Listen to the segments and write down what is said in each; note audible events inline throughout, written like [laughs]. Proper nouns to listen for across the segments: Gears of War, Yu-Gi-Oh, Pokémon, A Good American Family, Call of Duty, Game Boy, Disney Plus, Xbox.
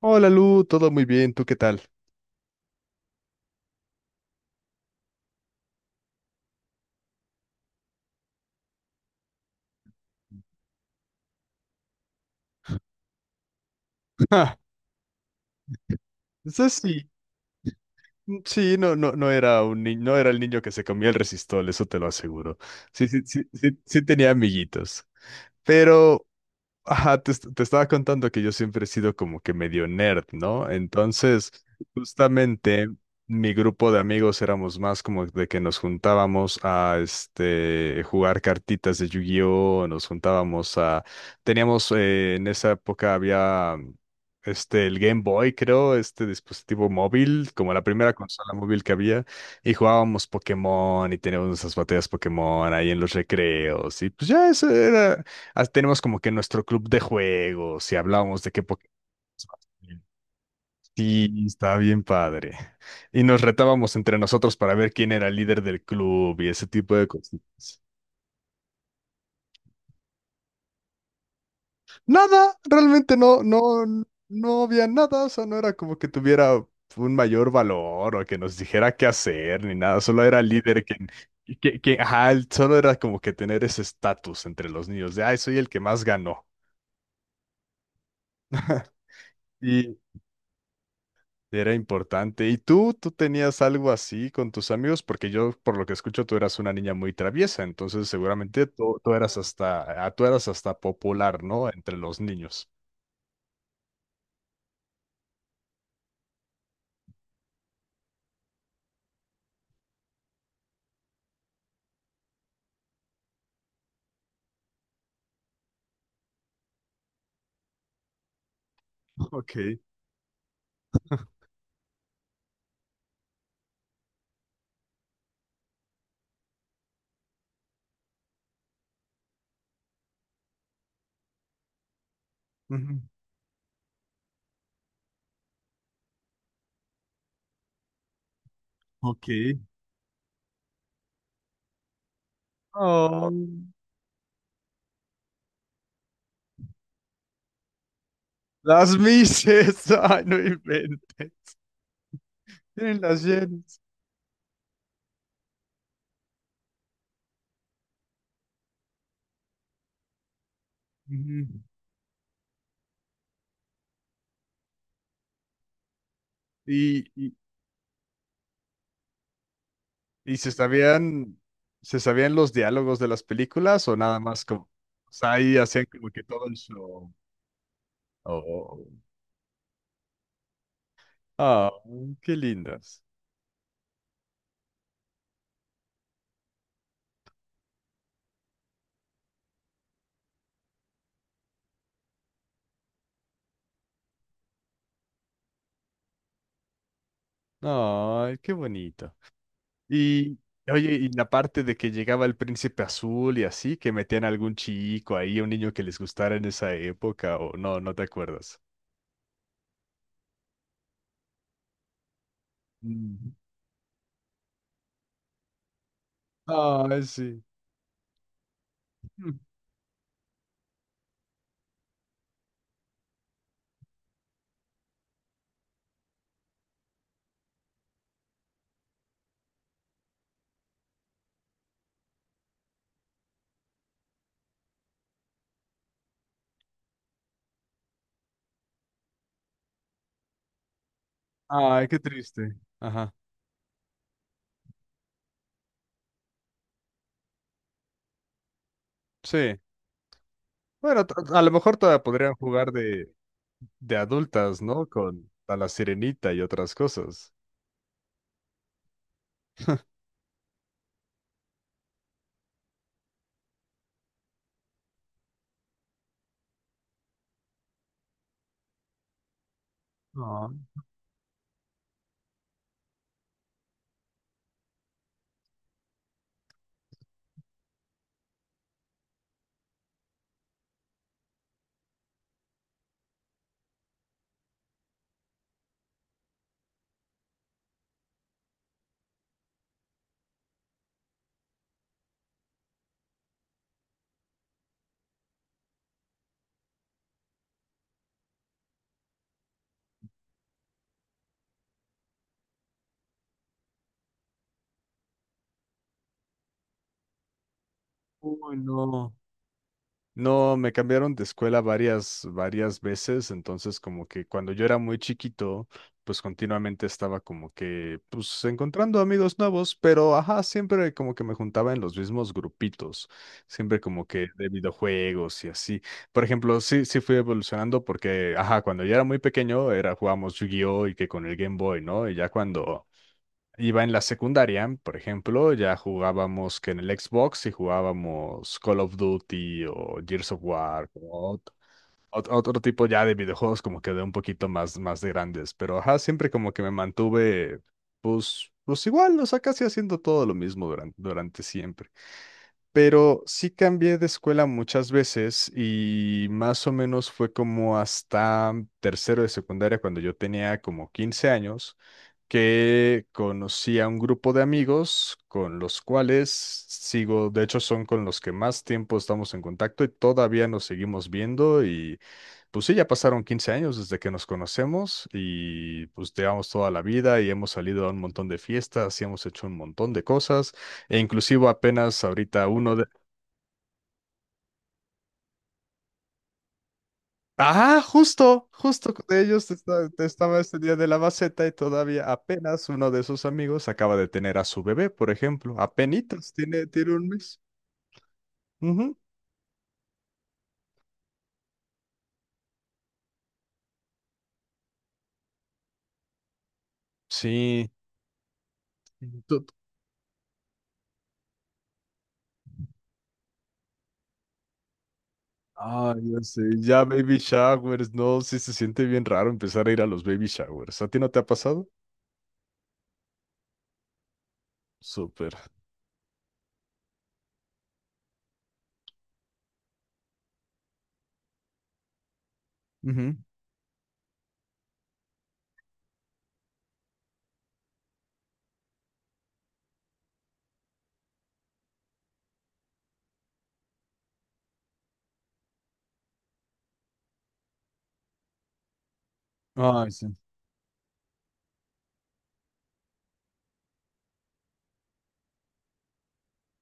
Hola Lu, todo muy bien, ¿tú qué tal? [laughs] Ja, eso sí, mm, sí, no, no, no era un niño, no era el niño que se comía el resistol, eso te lo aseguro. Sí, sí, sí, sí, sí tenía amiguitos. Pero. Ajá, te estaba contando que yo siempre he sido como que medio nerd, ¿no? Entonces, justamente mi grupo de amigos éramos más como de que nos juntábamos a jugar cartitas de Yu-Gi-Oh, nos juntábamos a, teníamos en esa época había, este, el Game Boy, creo, este dispositivo móvil, como la primera consola móvil que había, y jugábamos Pokémon y teníamos nuestras batallas Pokémon ahí en los recreos y pues ya eso era. Ah, tenemos como que nuestro club de juegos y hablamos de qué Pokémon. Sí, estaba bien padre. Y nos retábamos entre nosotros para ver quién era el líder del club y ese tipo de cosas. Nada, realmente no, no, no había nada, o sea, no era como que tuviera un mayor valor o que nos dijera qué hacer ni nada, solo era el líder quien, que, ajá, solo era como que tener ese estatus entre los niños de, ay, soy el que más ganó. Era importante. ¿Y tú tenías algo así con tus amigos? Porque yo, por lo que escucho, tú eras una niña muy traviesa, entonces seguramente tú eras hasta, ah, tú eras hasta popular, ¿no? Entre los niños. [laughs] Ok. Ujú. Ok. Oh. Las mises, [laughs] ay, no inventes. Tienen las llenas. Ujú. ¿Y, y, y se sabían los diálogos de las películas o nada más como, o sea, ahí hacían como que todo el show? Oh. Ah, mm, qué lindas. Ay, qué bonito. Y, oye, y la parte de que llegaba el príncipe azul y así, que metían a algún chico ahí, un niño que les gustara en esa época, o no, no te acuerdas. Mm. Ay, sí. Mm. Ay, qué triste. Ajá. Sí. Bueno, a lo mejor todavía podrían jugar de, adultas, ¿no? Con a la sirenita y otras cosas. No. Uy, no. No, me cambiaron de escuela varias veces, entonces como que cuando yo era muy chiquito, pues continuamente estaba como que, pues encontrando amigos nuevos, pero ajá, siempre como que me juntaba en los mismos grupitos, siempre como que de videojuegos y así. Por ejemplo, sí, sí fui evolucionando porque, ajá, cuando yo era muy pequeño era jugábamos Yu-Gi-Oh y que con el Game Boy, ¿no? Y ya cuando iba en la secundaria, por ejemplo, ya jugábamos que en el Xbox y jugábamos Call of Duty o Gears of War, como otro tipo ya de videojuegos como que de un poquito más, más de grandes. Pero ajá, siempre como que me mantuve, pues, pues igual, o sea, casi haciendo todo lo mismo durante siempre. Pero sí cambié de escuela muchas veces y más o menos fue como hasta tercero de secundaria cuando yo tenía como 15 años que conocí a un grupo de amigos con los cuales sigo, de hecho son con los que más tiempo estamos en contacto y todavía nos seguimos viendo y pues sí, ya pasaron 15 años desde que nos conocemos y pues llevamos toda la vida y hemos salido a un montón de fiestas y hemos hecho un montón de cosas e inclusive apenas ahorita uno. Ah, justo de ellos estaba este día de la maceta y todavía apenas uno de sus amigos acaba de tener a su bebé, por ejemplo. Apenitas, tiene un mes. Ujú. Sí. Tú- Ah, ya sé, ya baby showers, no, sí se siente bien raro empezar a ir a los baby showers. ¿A ti no te ha pasado? Súper. Ujú. Ay, sí.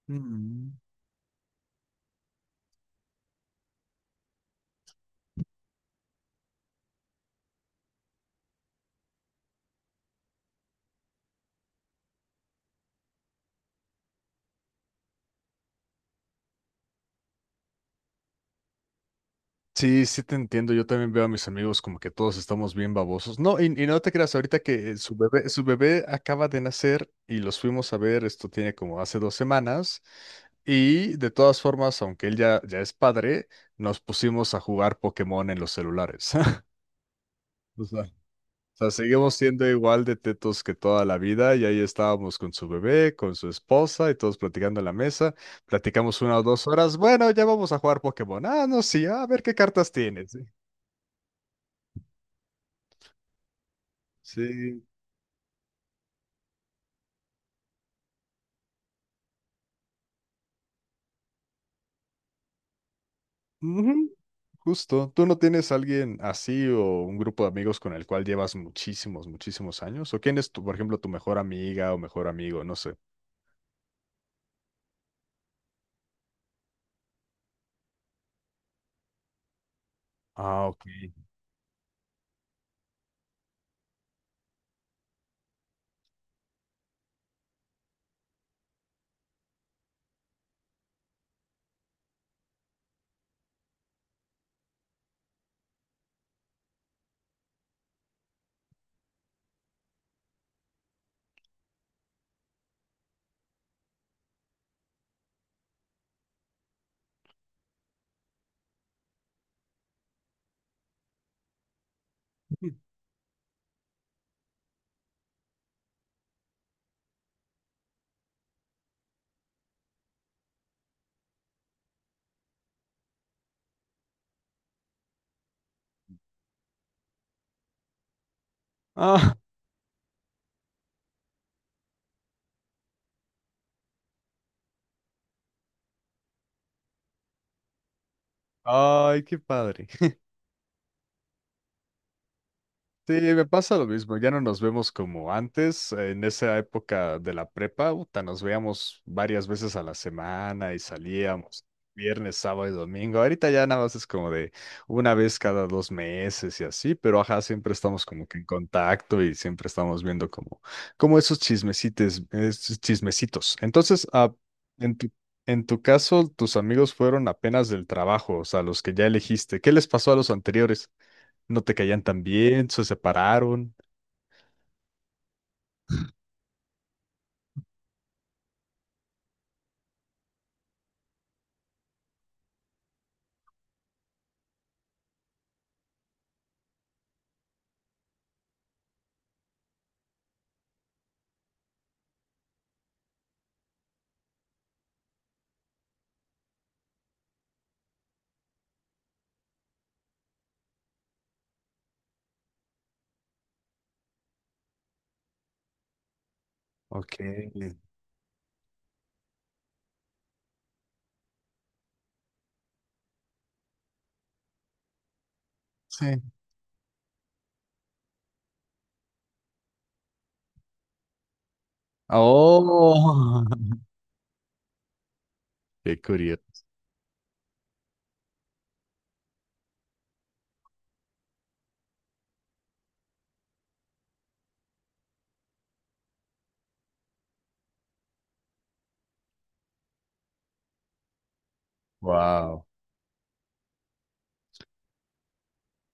Mm. Sí, sí te entiendo. Yo también veo a mis amigos como que todos estamos bien babosos. No, y no te creas, ahorita que su bebé acaba de nacer y los fuimos a ver, esto tiene como hace 2 semanas. Y de todas formas, aunque él ya, ya es padre, nos pusimos a jugar Pokémon en los celulares. [laughs] O sea, seguimos siendo igual de tetos que toda la vida y ahí estábamos con su bebé, con su esposa y todos platicando en la mesa. Platicamos 1 o 2 horas. Bueno, ya vamos a jugar Pokémon. Ah, no, sí, a ver qué cartas tienes. Sí. Ujú. Justo. ¿Tú no tienes alguien así o un grupo de amigos con el cual llevas muchísimos, muchísimos años? ¿O quién es tu, por ejemplo, tu mejor amiga o mejor amigo? No sé. Ah, ok. [laughs] Ah, ay, qué padre. Sí, me pasa lo mismo, ya no nos vemos como antes, en esa época de la prepa, puta, nos veíamos varias veces a la semana y salíamos viernes, sábado y domingo, ahorita ya nada más es como de una vez cada 2 meses y así, pero ajá, siempre estamos como que en contacto y siempre estamos viendo como, esos chismecites, esos chismecitos. Entonces, ah, en tu, en tu caso, tus amigos fueron apenas del trabajo, o sea, los que ya elegiste, ¿qué les pasó a los anteriores? No te caían tan bien, se separaron. Ok. Sí. Oh. [laughs] Qué curioso. Wow.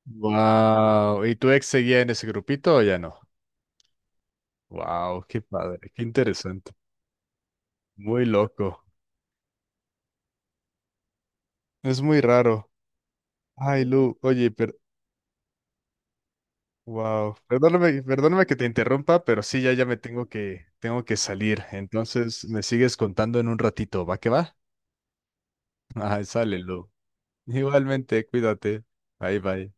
Wow. ¿Y tu ex seguía en ese grupito o ya no? Wow, qué padre, qué interesante. Muy loco. Es muy raro. Ay, Lu, oye, pero wow. Perdóname, perdóname que te interrumpa, pero sí, ya, ya me tengo que salir. Entonces, me sigues contando en un ratito, ¿va que va? [laughs] Ay, sale, Lu. Igualmente, cuídate. Bye, bye.